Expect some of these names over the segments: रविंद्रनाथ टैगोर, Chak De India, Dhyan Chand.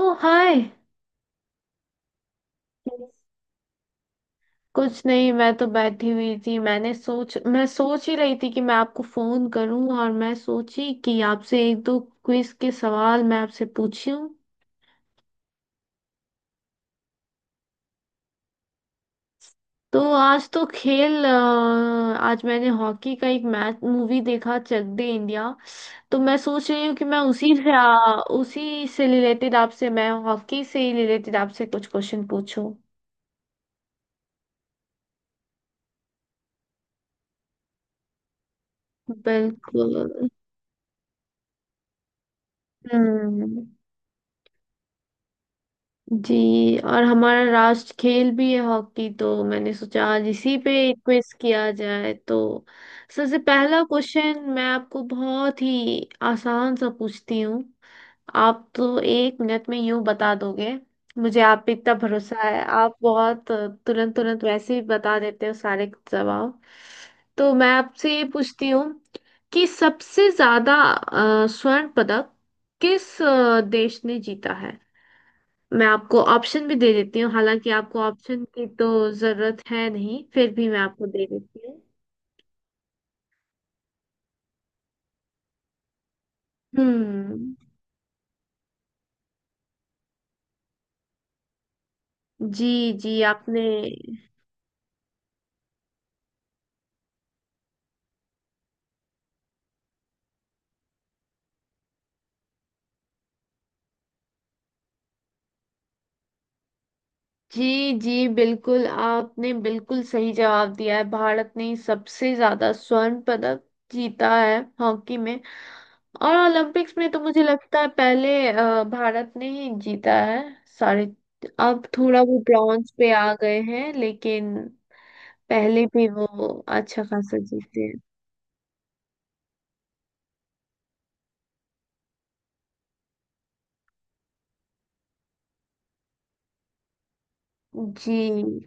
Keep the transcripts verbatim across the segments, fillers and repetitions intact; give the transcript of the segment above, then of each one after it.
ओ hi. कुछ नहीं, मैं तो बैठी हुई थी। मैंने सोच मैं सोच ही रही थी कि मैं आपको फोन करूं, और मैं सोची कि आपसे एक दो क्विज के सवाल मैं आपसे पूछूं। तो आज तो खेल अ, आज मैंने हॉकी का एक मैच, मूवी, देखा, चक दे इंडिया। तो मैं सोच रही हूँ कि मैं उसी से आ, उसी से रिलेटेड, आपसे मैं हॉकी से ही रिलेटेड आपसे कुछ क्वेश्चन पूछूं। बिल्कुल। हम्म। जी। और हमारा राष्ट्र खेल भी है हॉकी, तो मैंने सोचा आज इसी पे क्विज किया जाए। तो सबसे पहला क्वेश्चन मैं आपको बहुत ही आसान सा पूछती हूँ। आप तो एक मिनट में यूं बता दोगे। मुझे आप पे इतना भरोसा है, आप बहुत तुरंत तुरंत वैसे ही बता देते हो सारे जवाब। तो मैं आपसे ये पूछती हूँ कि सबसे ज्यादा अ, स्वर्ण पदक किस अ, देश ने जीता है। मैं आपको ऑप्शन भी दे देती हूँ, हालांकि आपको ऑप्शन की तो जरूरत है नहीं, फिर भी मैं आपको दे देती हूँ। हम्म। जी जी। आपने। जी जी, बिल्कुल आपने बिल्कुल सही जवाब दिया है। भारत ने सबसे ज्यादा स्वर्ण पदक जीता है हॉकी में। और ओलंपिक्स में तो मुझे लगता है पहले अ, भारत ने ही जीता है सारे। अब थोड़ा वो ब्रॉन्ज पे आ गए हैं, लेकिन पहले भी वो अच्छा खासा जीते हैं। जी।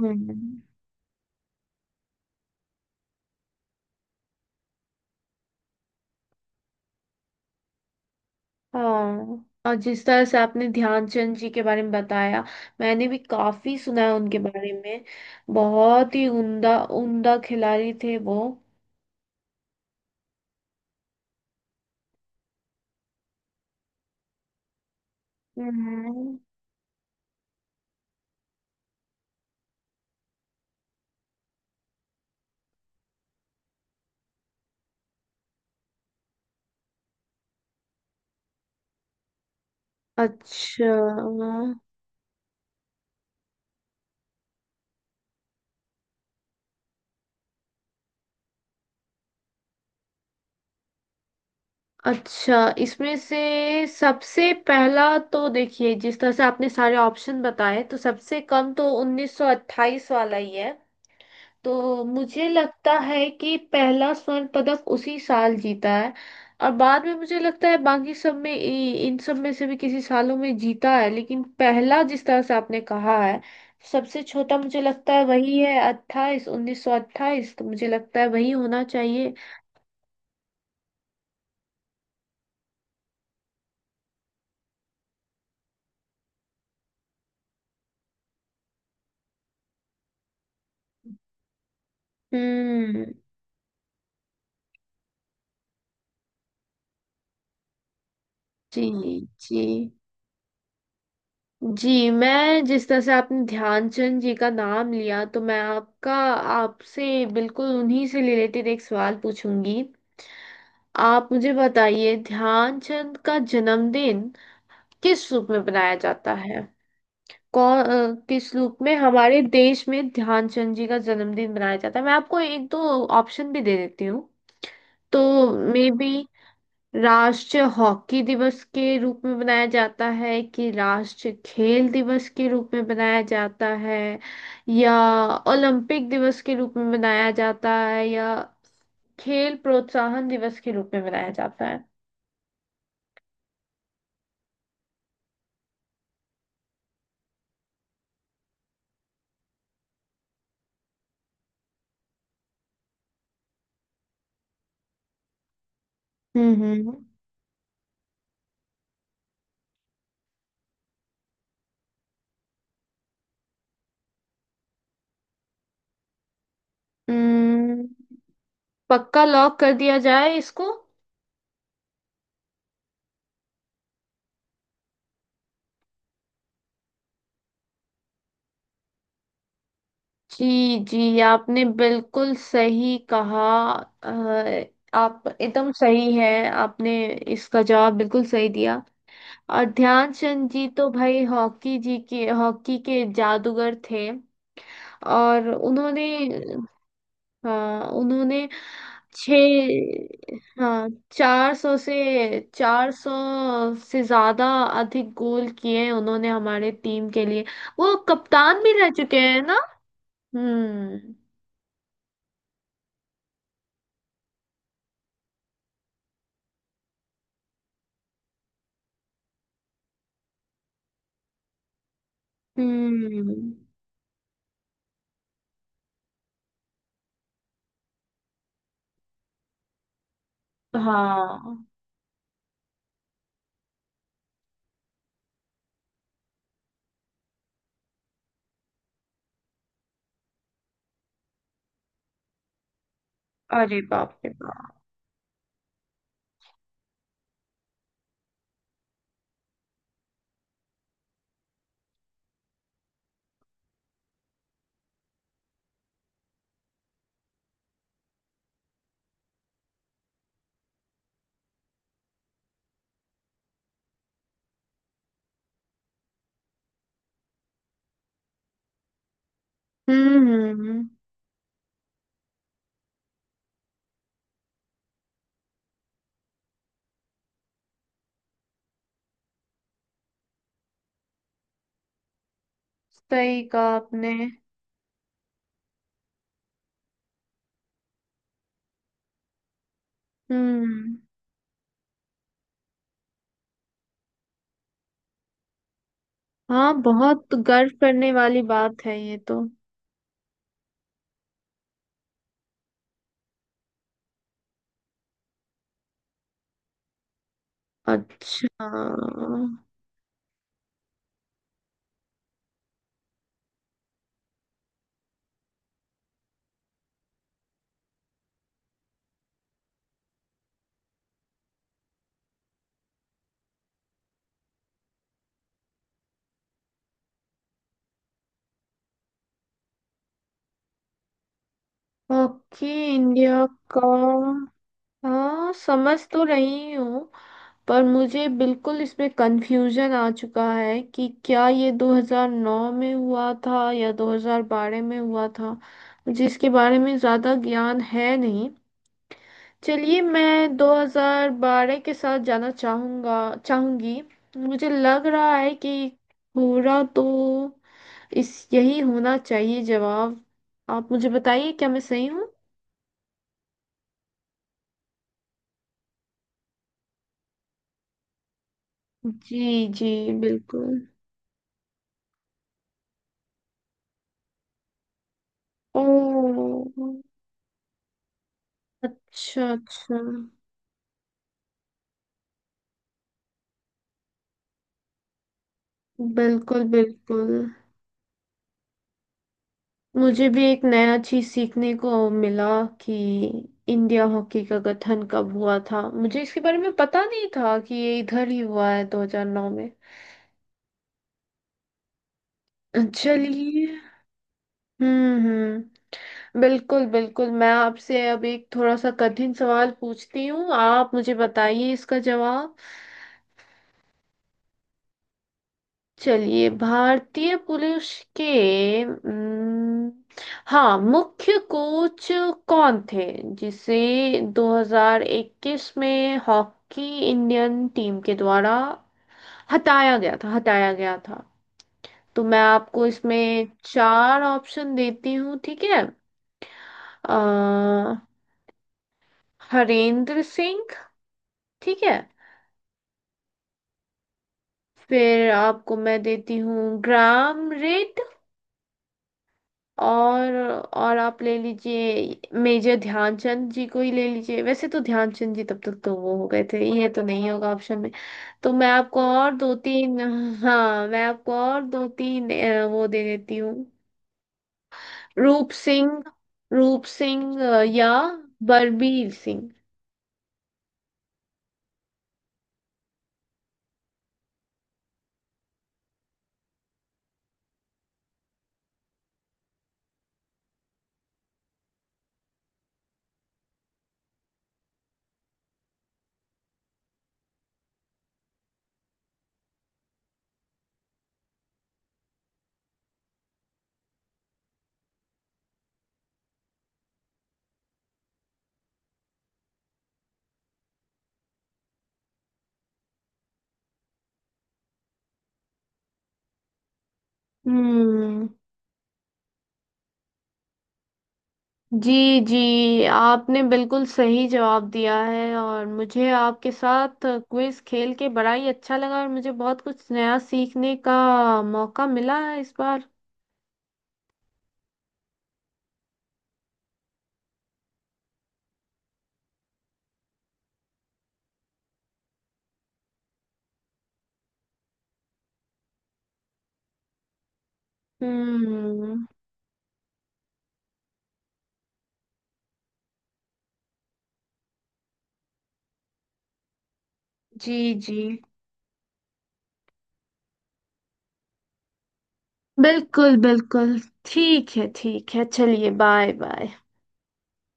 हम्म। हाँ, और जिस तरह से आपने ध्यानचंद जी के बारे में बताया, मैंने भी काफी सुना है उनके बारे में। बहुत ही उम्दा उम्दा खिलाड़ी थे वो। हम्म। अच्छा अच्छा। इसमें से सबसे पहला तो देखिए, जिस तरह से आपने सारे ऑप्शन बताए, तो सबसे कम तो उन्नीस सौ अट्ठाईस वाला ही है। तो मुझे लगता है कि पहला स्वर्ण पदक उसी साल जीता है। और बाद में मुझे लगता है बाकी सब में इ- इन सब में से भी किसी सालों में जीता है, लेकिन पहला जिस तरह से आपने कहा है, सबसे छोटा मुझे लगता है वही है, अट्ठाईस उन्नीस सौ अट्ठाईस, तो मुझे लगता है वही होना चाहिए। हम्म। जी जी। जी। मैं, जिस तरह से आपने ध्यानचंद जी का नाम लिया, तो मैं आपका आपसे बिल्कुल उन्हीं से रिलेटेड एक सवाल पूछूंगी। आप मुझे बताइए, ध्यानचंद का जन्मदिन किस रूप में मनाया जाता है? कौन अ, किस रूप में हमारे देश में ध्यानचंद जी का जन्मदिन मनाया जाता है? मैं आपको एक दो ऑप्शन भी दे देती हूँ। तो मे बी राष्ट्रीय हॉकी दिवस के रूप में मनाया जाता है, कि राष्ट्रीय खेल दिवस के रूप में मनाया जाता है, या ओलंपिक दिवस के रूप में मनाया जाता है, या खेल प्रोत्साहन दिवस के रूप में मनाया जाता है? हम्म, हम्म, हम्म, पक्का लॉक कर दिया जाए इसको। जी जी, आपने बिल्कुल सही कहा। अ, आप एकदम सही है। आपने इसका जवाब बिल्कुल सही दिया। और ध्यानचंद जी तो भाई हॉकी जी के हॉकी के जादूगर थे। और उन्होंने, हाँ उन्होंने, छ हाँ, चार सौ से चार सौ से ज्यादा अधिक गोल किए हैं उन्होंने हमारे टीम के लिए। वो कप्तान भी रह चुके हैं ना। हम्म हम्म। हाँ। अरे बाप रे बाप। हम्म, हम्म, सही कहा आपने। हम्म। हाँ, बहुत गर्व करने वाली बात है ये तो। अच्छा। ओके। इंडिया का, हाँ समझ तो रही हूँ। पर मुझे बिल्कुल इसमें कंफ्यूजन आ चुका है कि क्या ये दो हज़ार नौ में हुआ था या दो हज़ार बारह में हुआ था। मुझे इसके बारे में ज़्यादा ज्ञान है नहीं। चलिए मैं दो हज़ार बारह के साथ जाना चाहूँगा चाहूँगी। मुझे लग रहा है कि हो रहा तो इस यही होना चाहिए जवाब। आप मुझे बताइए क्या मैं सही हूँ? जी जी। बिल्कुल। ओह। अच्छा अच्छा। बिल्कुल बिल्कुल। मुझे भी एक नया चीज सीखने को मिला कि इंडिया हॉकी का गठन कब हुआ था, मुझे इसके बारे में पता नहीं था कि ये इधर ही हुआ है दो हज़ार नौ में। चलिए। हम्म हम्म। बिल्कुल बिल्कुल, मैं आपसे अब एक थोड़ा सा कठिन सवाल पूछती हूँ, आप मुझे बताइए इसका जवाब। चलिए, भारतीय पुलिस के अम, हाँ, मुख्य कोच कौन थे, जिसे दो हज़ार इक्कीस में हॉकी इंडियन टीम के द्वारा हटाया गया था हटाया गया था? तो मैं आपको इसमें चार ऑप्शन देती हूँ, ठीक है। अ, हरेंद्र सिंह, ठीक है। फिर आपको मैं देती हूँ, ग्राम रेड, और और आप ले लीजिए, मेजर ध्यानचंद जी को ही ले लीजिए, वैसे तो ध्यानचंद जी तब तक तो वो हो गए थे, ये तो नहीं होगा ऑप्शन में। तो मैं आपको और दो तीन हाँ, मैं आपको और दो तीन अ, वो दे देती हूँ। रूप सिंह, रूप सिंह अ, या बलबीर सिंह। हम्म। जी जी, आपने बिल्कुल सही जवाब दिया है, और मुझे आपके साथ क्विज खेल के बड़ा ही अच्छा लगा, और मुझे बहुत कुछ नया सीखने का मौका मिला है इस बार। हम्म। जी जी। बिल्कुल बिल्कुल। ठीक है ठीक है, चलिए बाय बाय।